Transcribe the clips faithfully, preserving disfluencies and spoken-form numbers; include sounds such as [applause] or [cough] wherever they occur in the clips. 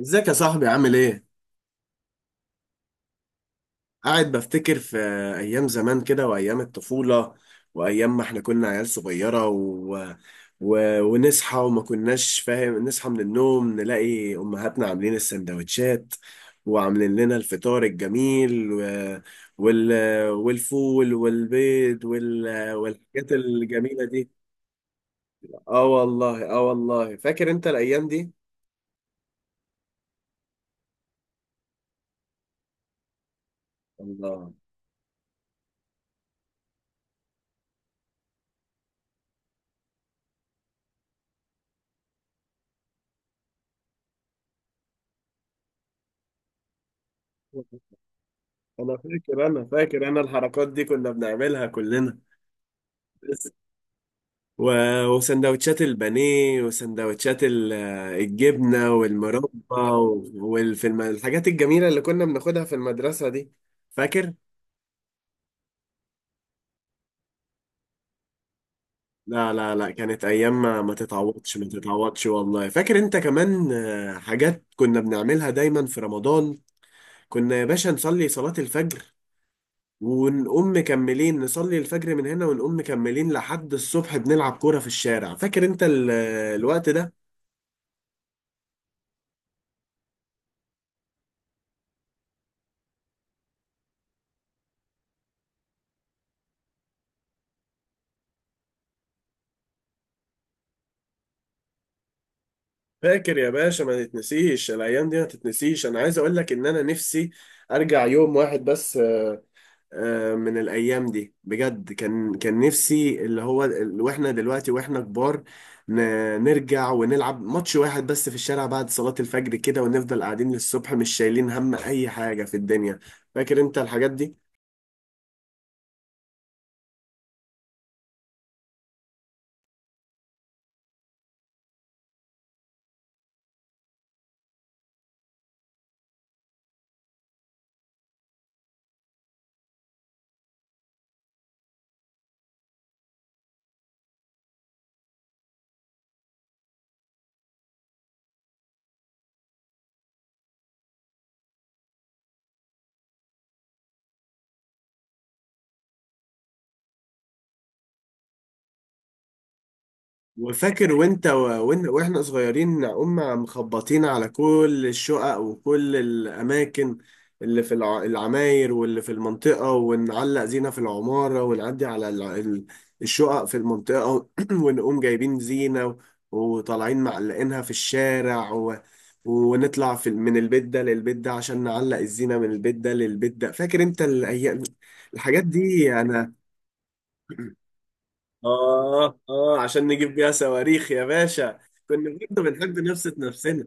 ازيك يا صاحبي؟ عامل ايه؟ قاعد بفتكر في ايام زمان كده وايام الطفولة وايام ما احنا كنا عيال صغيرة و... و... ونصحى، وما كناش فاهم. نصحى من النوم نلاقي امهاتنا عاملين السندوتشات وعاملين لنا الفطار الجميل و... وال... والفول والبيض وال... والحاجات الجميلة دي. اه والله، اه والله، فاكر انت الايام دي؟ الله. انا فاكر انا فاكر انا الحركات دي كنا بنعملها كلنا. و- وسندوتشات البانيه وسندوتشات ال- الجبنة والمربى، وفي الحاجات الجميلة اللي كنا بناخدها في المدرسة دي، فاكر؟ لا لا لا، كانت أيام ما ما تتعوضش ما تتعوضش، والله. فاكر أنت كمان آه، حاجات كنا بنعملها دايما في رمضان؟ كنا يا باشا نصلي صلاة الفجر ونقوم مكملين. نصلي الفجر من هنا ونقوم مكملين لحد الصبح بنلعب كورة في الشارع. فاكر أنت ال- الوقت ده؟ فاكر يا باشا؟ ما تتنسيش الايام دي، ما تتنسيش. انا عايز اقول لك ان انا نفسي ارجع يوم واحد بس آه، آه، من الايام دي بجد. كان كان نفسي، اللي هو ال- واحنا دلوقتي واحنا كبار، ن- نرجع ونلعب ماتش واحد بس في الشارع بعد صلاة الفجر كده، ونفضل قاعدين للصبح مش شايلين هم اي حاجة في الدنيا. فاكر انت الحاجات دي؟ وفاكر وانت و... وإن- واحنا صغيرين أم مخبطين على كل الشقق وكل الأماكن اللي في الع... العماير واللي في المنطقة، ونعلق زينة في العمارة، ونعدي على الع... ال- الشقق في المنطقة، و- [clears throat] ونقوم جايبين زينة وطالعين معلقينها في الشارع و... ونطلع في... من البيت ده للبيت ده عشان نعلق الزينة من البيت ده للبيت ده. فاكر انت الأيام، الحاجات دي؟ أنا آه آه، عشان نجيب بيها صواريخ يا باشا. كنا برضه بنحب نبسط نفسنا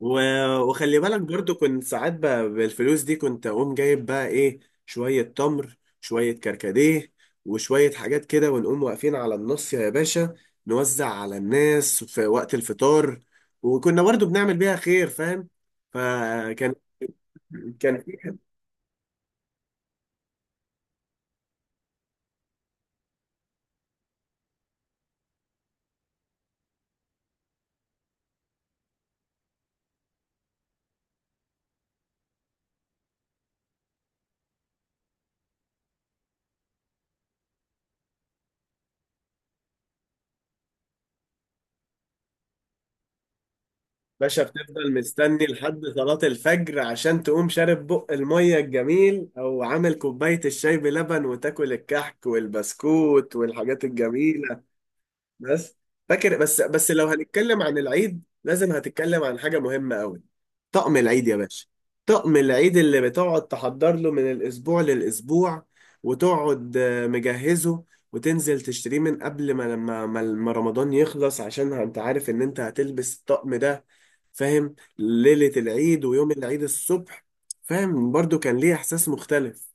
و... وخلي بالك برضه كنت ساعات ب... بالفلوس دي كنت أقوم جايب بقى إيه؟ شوية تمر، شوية كركديه، وشوية حاجات كده، ونقوم واقفين على النص يا باشا نوزع على الناس في وقت الفطار، وكنا برضه بنعمل بيها خير، فاهم؟ فكان كان باشا بتفضل مستني لحد صلاة الفجر عشان تقوم شارب بق المية الجميل، أو عامل كوباية الشاي بلبن، وتاكل الكحك والبسكوت والحاجات الجميلة. بس فاكر، بس بس لو هنتكلم عن العيد لازم هتتكلم عن حاجة مهمة قوي. طقم العيد يا باشا. طقم العيد اللي بتقعد تحضر له من الأسبوع للأسبوع، وتقعد آه، مجهزه، وتنزل تشتريه من قبل ما لما ما ما رمضان يخلص، عشان انت عارف ان انت هتلبس الطقم ده، فاهم؟ ليلة العيد ويوم العيد الصبح، فاهم؟ برضو كان ليه إحساس مختلف.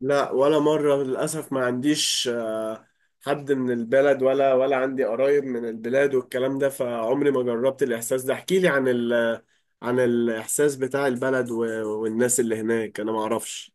لا، ولا مرة، للأسف ما عنديش آه، حد من البلد، ولا ولا عندي قرايب من البلاد والكلام ده، فعمري ما جربت الإحساس ده. احكي لي عن ال عن الإحساس بتاع البلد و- والناس اللي هناك، أنا ما أعرفش.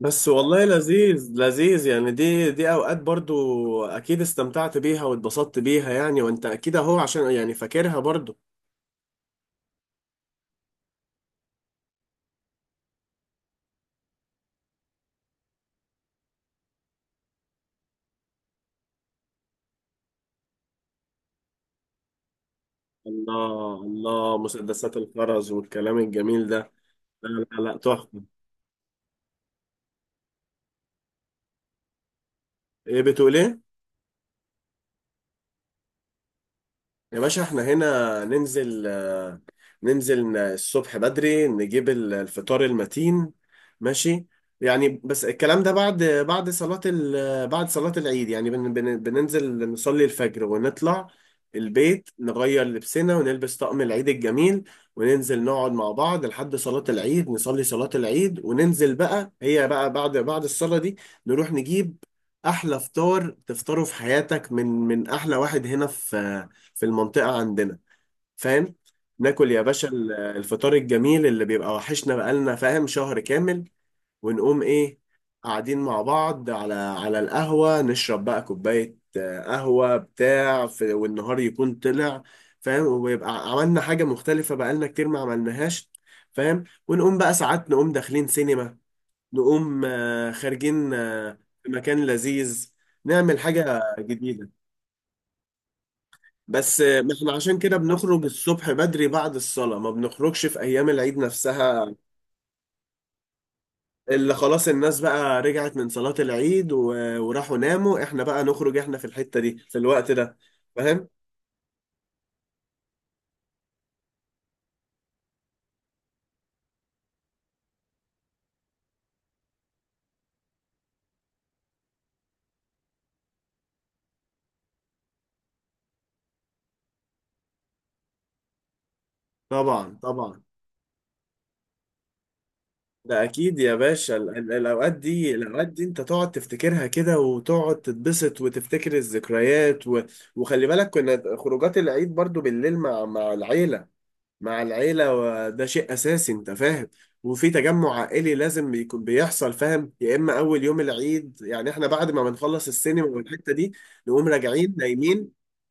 بس والله لذيذ، لذيذ يعني. دي دي أوقات برضو أكيد استمتعت بيها واتبسطت بيها يعني، وأنت أكيد أهو عشان يعني فاكرها برضو. الله، الله، مسدسات الخرز والكلام الجميل ده. لا لا لا، تحفة. إيه؟ بتقول إيه؟ يا باشا احنا هنا ننزل، آه، ننزل ن- الصبح بدري نجيب ال- الفطار المتين، ماشي؟ يعني بس الكلام ده بعد بعد صلاة ال بعد صلاة العيد يعني. بن بن بننزل نصلي الفجر، ونطلع البيت نغير لبسنا ونلبس طقم العيد الجميل، وننزل نقعد مع بعض لحد صلاة العيد، نصلي صلاة العيد وننزل بقى. هي بقى بعد بعد الصلاة دي نروح نجيب أحلى فطار تفطره في حياتك، من من أحلى واحد هنا في في المنطقة عندنا، فاهم؟ ناكل يا باشا ال- الفطار الجميل اللي بيبقى وحشنا بقالنا، فاهم، شهر كامل. ونقوم ايه؟ قاعدين مع بعض على على القهوة، نشرب بقى كوباية آه، قهوة بتاع في، والنهار يكون طلع، فاهم؟ ويبقى عملنا حاجة مختلفة بقالنا كتير ما عملناهاش، فاهم؟ ونقوم بقى ساعات نقوم داخلين سينما، نقوم آه، خارجين آه، في مكان لذيذ، نعمل حاجة جديدة. بس ما احنا عشان كده بنخرج الصبح بدري بعد الصلاة، ما بنخرجش في أيام العيد نفسها، اللي خلاص الناس بقى رجعت من صلاة العيد و... وراحوا ناموا. احنا بقى نخرج احنا في الحتة دي في الوقت ده، فاهم؟ طبعا، طبعا. ده أكيد يا باشا ال... ال- الأوقات دي، الأوقات دي أنت تقعد تفتكرها كده وتقعد تتبسط وتفتكر الذكريات و... وخلي بالك كنا خروجات العيد برضو بالليل مع مع العيلة. مع العيلة، وده شيء أساسي أنت فاهم. وفي تجمع عائلي لازم يكون بيحصل، فاهم؟ يا إما أول يوم العيد يعني، إحنا بعد ما بنخلص السينما والحتة دي نقوم راجعين نايمين،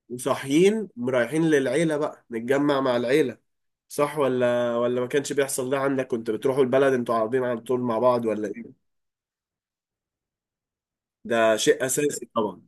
وصاحيين رايحين للعيلة بقى نتجمع مع العيلة. صح ولا ولا ما كانش بيحصل ده عندك؟ كنت بتروحوا البلد أنتوا، قاعدين على طول مع بعض، ولا إيه؟ ده شيء أساسي طبعا.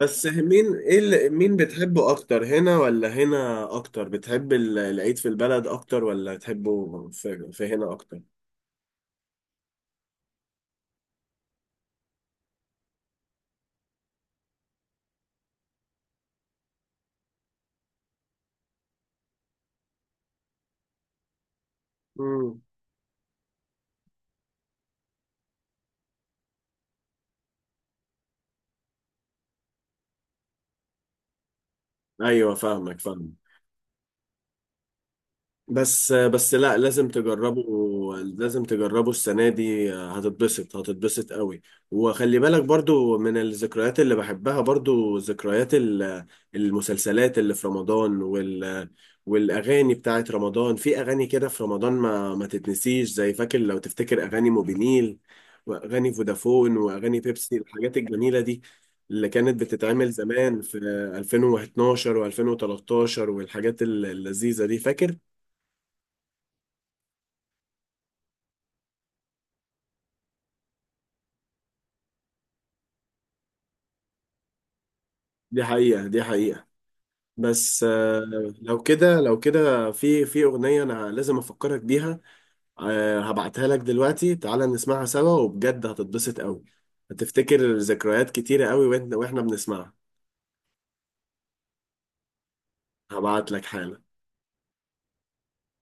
بس مين، إيه اللي- مين بتحبه أكتر، هنا ولا هنا أكتر؟ بتحب ال- العيد في البلد أكتر، ولا تحبه في في هنا أكتر؟ مم. ايوه، فاهمك فاهمك. بس بس لا، لازم تجربه. لازم تجربه السنة دي، هتتبسط، هتتبسط قوي. وخلي بالك برضو من الذكريات اللي بحبها برضو ذكريات ال- المسلسلات اللي في رمضان وال والأغاني بتاعت رمضان. في أغاني كده في رمضان ما ما تتنسيش، زي، فاكر لو تفتكر، أغاني موبينيل وأغاني فودافون وأغاني بيبسي، الحاجات الجميلة دي اللي كانت بتتعمل زمان في ألفين واتناشر و2013، والحاجات اللذيذة دي، فاكر؟ دي حقيقة، دي حقيقة. بس آه، مم. لو كده، لو كده، في في أغنية أنا لازم أفكرك بيها. آه، هبعتها لك دلوقتي، تعالى نسمعها سوا وبجد هتتبسط قوي، هتفتكر ذكريات كتيرة قوي وإحنا وإحنا بنسمعها. هبعت لك حالا.